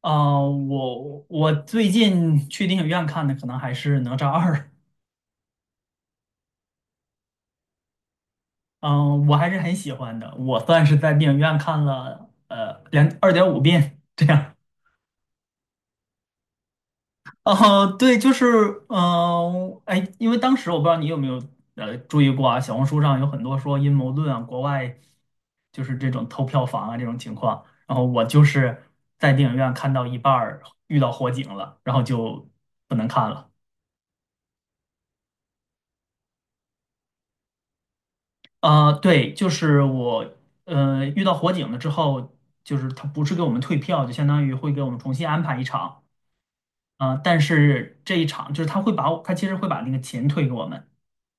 啊，我最近去电影院看的可能还是《哪吒二》，嗯，我还是很喜欢的。我算是在电影院看了2.5遍这样。哦、对，就是哎，因为当时我不知道你有没有注意过啊，小红书上有很多说阴谋论啊，国外就是这种偷票房啊这种情况。然后我就是在电影院看到一半儿遇到火警了，然后就不能看了。对，就是我，遇到火警了之后，就是他不是给我们退票，就相当于会给我们重新安排一场，啊。但是这一场就是他其实会把那个钱退给我们，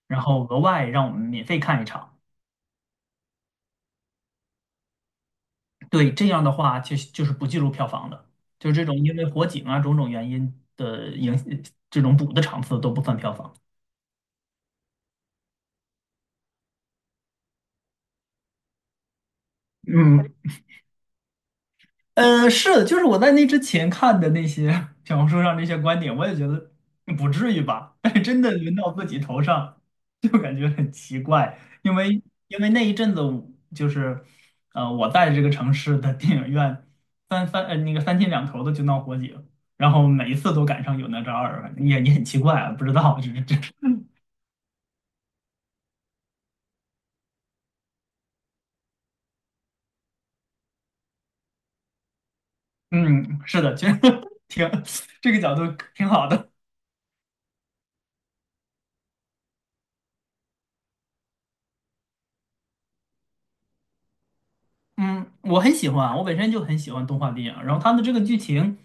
然后额外让我们免费看一场。对，这样的话就是不计入票房的，就是这种因为火警啊种种原因的，这种补的场次都不算票房。嗯，是的，就是我在那之前看的那些 小红书上那些观点，我也觉得不至于吧，但是真的轮到自己头上，就感觉很奇怪，因为那一阵子我就是，我在这个城市的电影院三三呃那个三天两头的就闹火警，然后每一次都赶上有那张儿，也很奇怪啊，不知道这，嗯，是的，其实 挺这个角度挺好的。嗯，我很喜欢，我本身就很喜欢动画电影，然后它的这个剧情。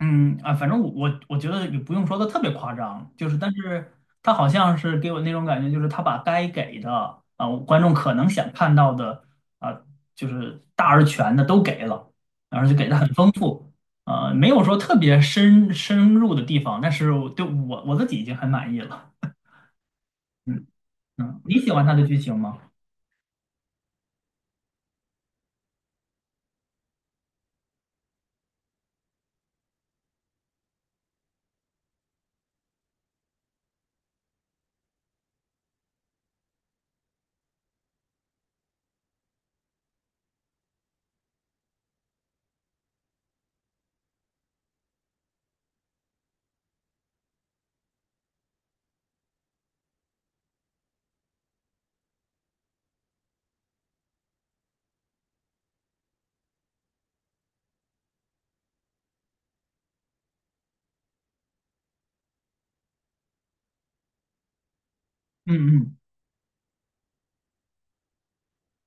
嗯啊，反正我觉得也不用说的特别夸张，就是但是他好像是给我那种感觉，就是他把该给的啊、观众可能想看到的啊、就是大而全的都给了，而且给的很丰富，没有说特别深入的地方，但是我对我自己已经很满意了。嗯嗯，你喜欢他的剧情吗？嗯嗯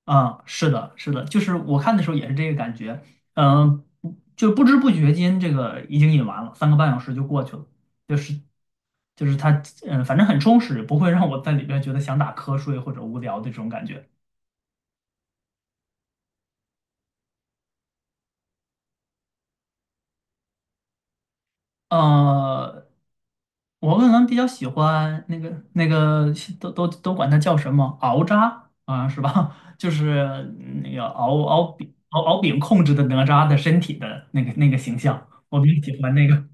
啊，是的，是的，就是我看的时候也是这个感觉，嗯，就不知不觉间这个已经演完了，3个半小时就过去了，就是就是它，反正很充实，不会让我在里边觉得想打瞌睡或者无聊的这种感觉。呃，我可能比较喜欢那个都管它叫什么熬渣啊，是吧？就是敖敖饼敖熬饼控制的哪吒的身体的那个形象，我比较喜欢那个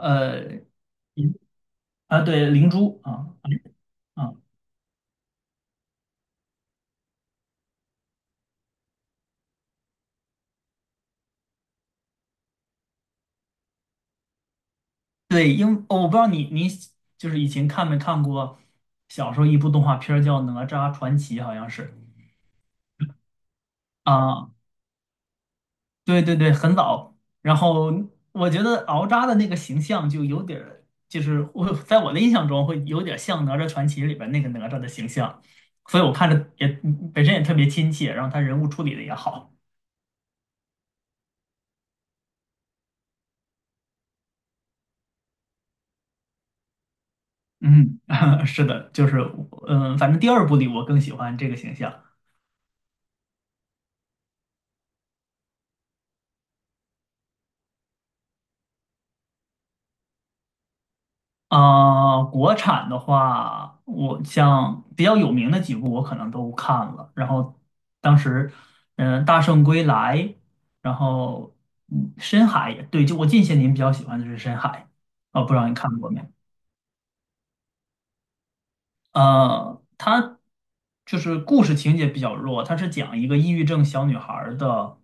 呃。啊，对，灵珠啊啊，对，哦我不知道你就是以前看没看过，小时候一部动画片儿叫《哪吒传奇》，好像是啊，对对对，很早。然后我觉得敖吒的那个形象就有点儿，就是我在我的印象中会有点像《哪吒传奇》里边那个哪吒的形象，所以我看着也本身也特别亲切，然后他人物处理的也好。嗯，是的，就是反正第二部里我更喜欢这个形象。啊、国产的话，我像比较有名的几部，我可能都看了。然后当时，大圣归来》，然后《深海》也对，就我近些年比较喜欢的是《深海》，啊、不知道你看过没？有？它就是故事情节比较弱，它是讲一个抑郁症小女孩儿的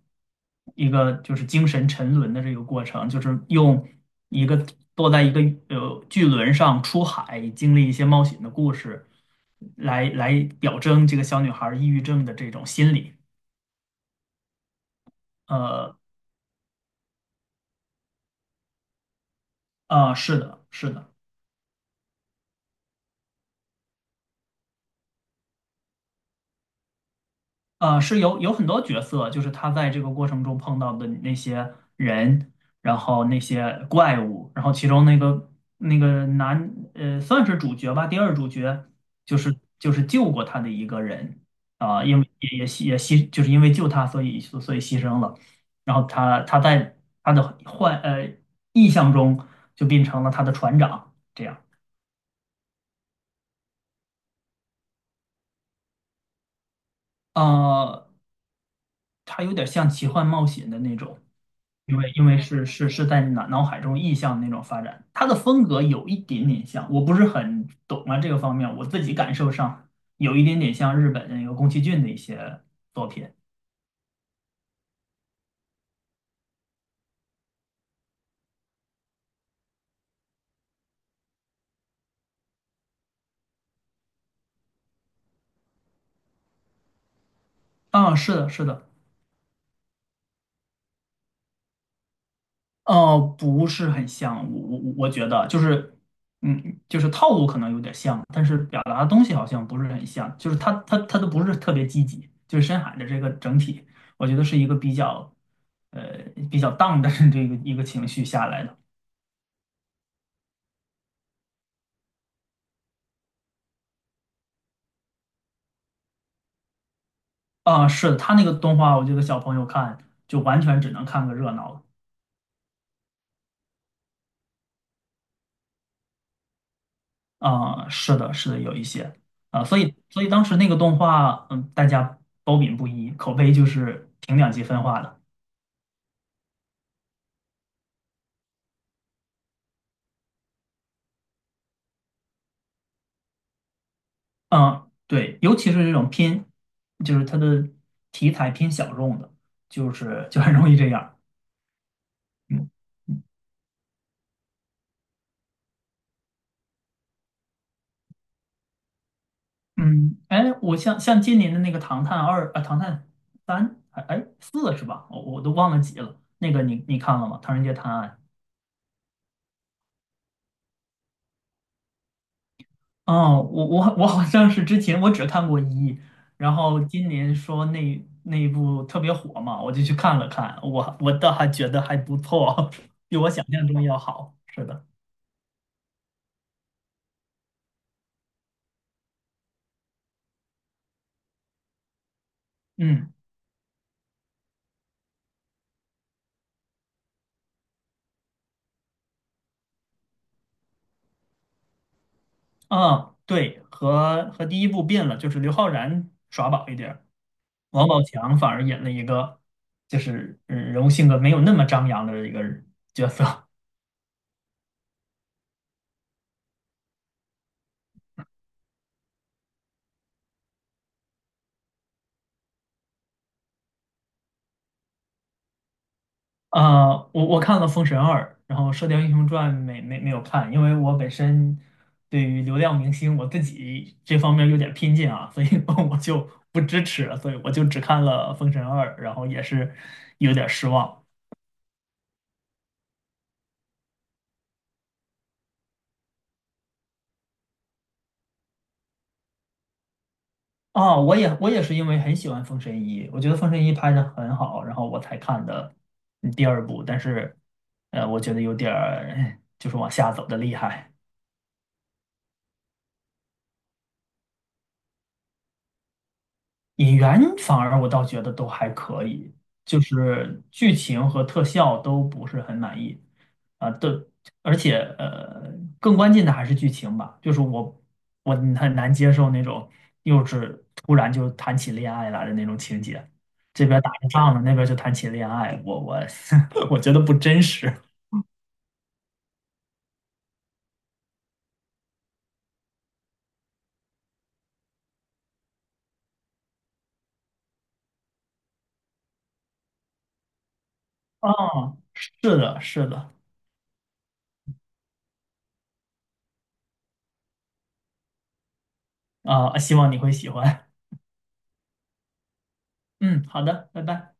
一个就是精神沉沦的这个过程，就是用一个坐在一个巨轮上出海，经历一些冒险的故事，来表征这个小女孩儿抑郁症的这种心理。呃啊，是的，是的。是有很多角色，就是他在这个过程中碰到的那些人，然后那些怪物，然后其中那个算是主角吧，第二主角就是救过他的一个人啊、因为也也牺也牺，就是因为救他，所以牺牲了。然后他在他的意象中就变成了他的船长，这样，呃，他有点像奇幻冒险的那种。因为是在海中意象的那种发展，他的风格有一点点像，我不是很懂啊这个方面，我自己感受上有一点点像日本那个宫崎骏的一些作品。啊，是的，是的，哦，不是很像，我觉得就是，嗯，就是套路可能有点像，但是表达的东西好像不是很像，就是他都不是特别积极，就是深海的这个整体，我觉得是一个比较。呃，比较 down 的这个一个情绪下来的。啊，是的，他那个动画，我觉得小朋友看就完全只能看个热闹了。啊，是的，是的，有一些啊，所以当时那个动画，大家褒贬不一，口碑就是挺两极分化的。嗯，对，尤其是这种偏，就是它的题材偏小众的，就是就很容易这样。嗯嗯，哎，我像今年的那个《唐探二》啊，《唐探三》哎四是吧？我都忘了几了。那个你看了吗？《唐人街探案》哦，我好像是之前我只看过一，然后今年说那一部特别火嘛，我就去看了看，我倒还觉得还不错，比我想象中要好。是的，嗯嗯，对，和第一部变了，就是刘昊然耍宝一点儿王宝强反而演了一个人物性格没有那么张扬的一个角色。我看了《封神二》，然后《射雕英雄传》没有看，因为我本身对于流量明星我自己这方面有点偏见啊，所以 我就不支持，所以我就只看了《封神二》，然后也是有点失望啊。我也是因为很喜欢《封神一》，我觉得《封神一》拍的很好，然后我才看的第二部，但是我觉得有点儿就是往下走的厉害。演员反而我倒觉得都还可以，就是剧情和特效都不是很满意，啊、而且更关键的还是剧情吧，就是我很难接受那种幼稚突然就谈起恋爱来的那种情节，这边打着仗呢，那边就谈起恋爱，我觉得不真实。啊，是的，是的，啊、希望你会喜欢。嗯，好的，拜拜。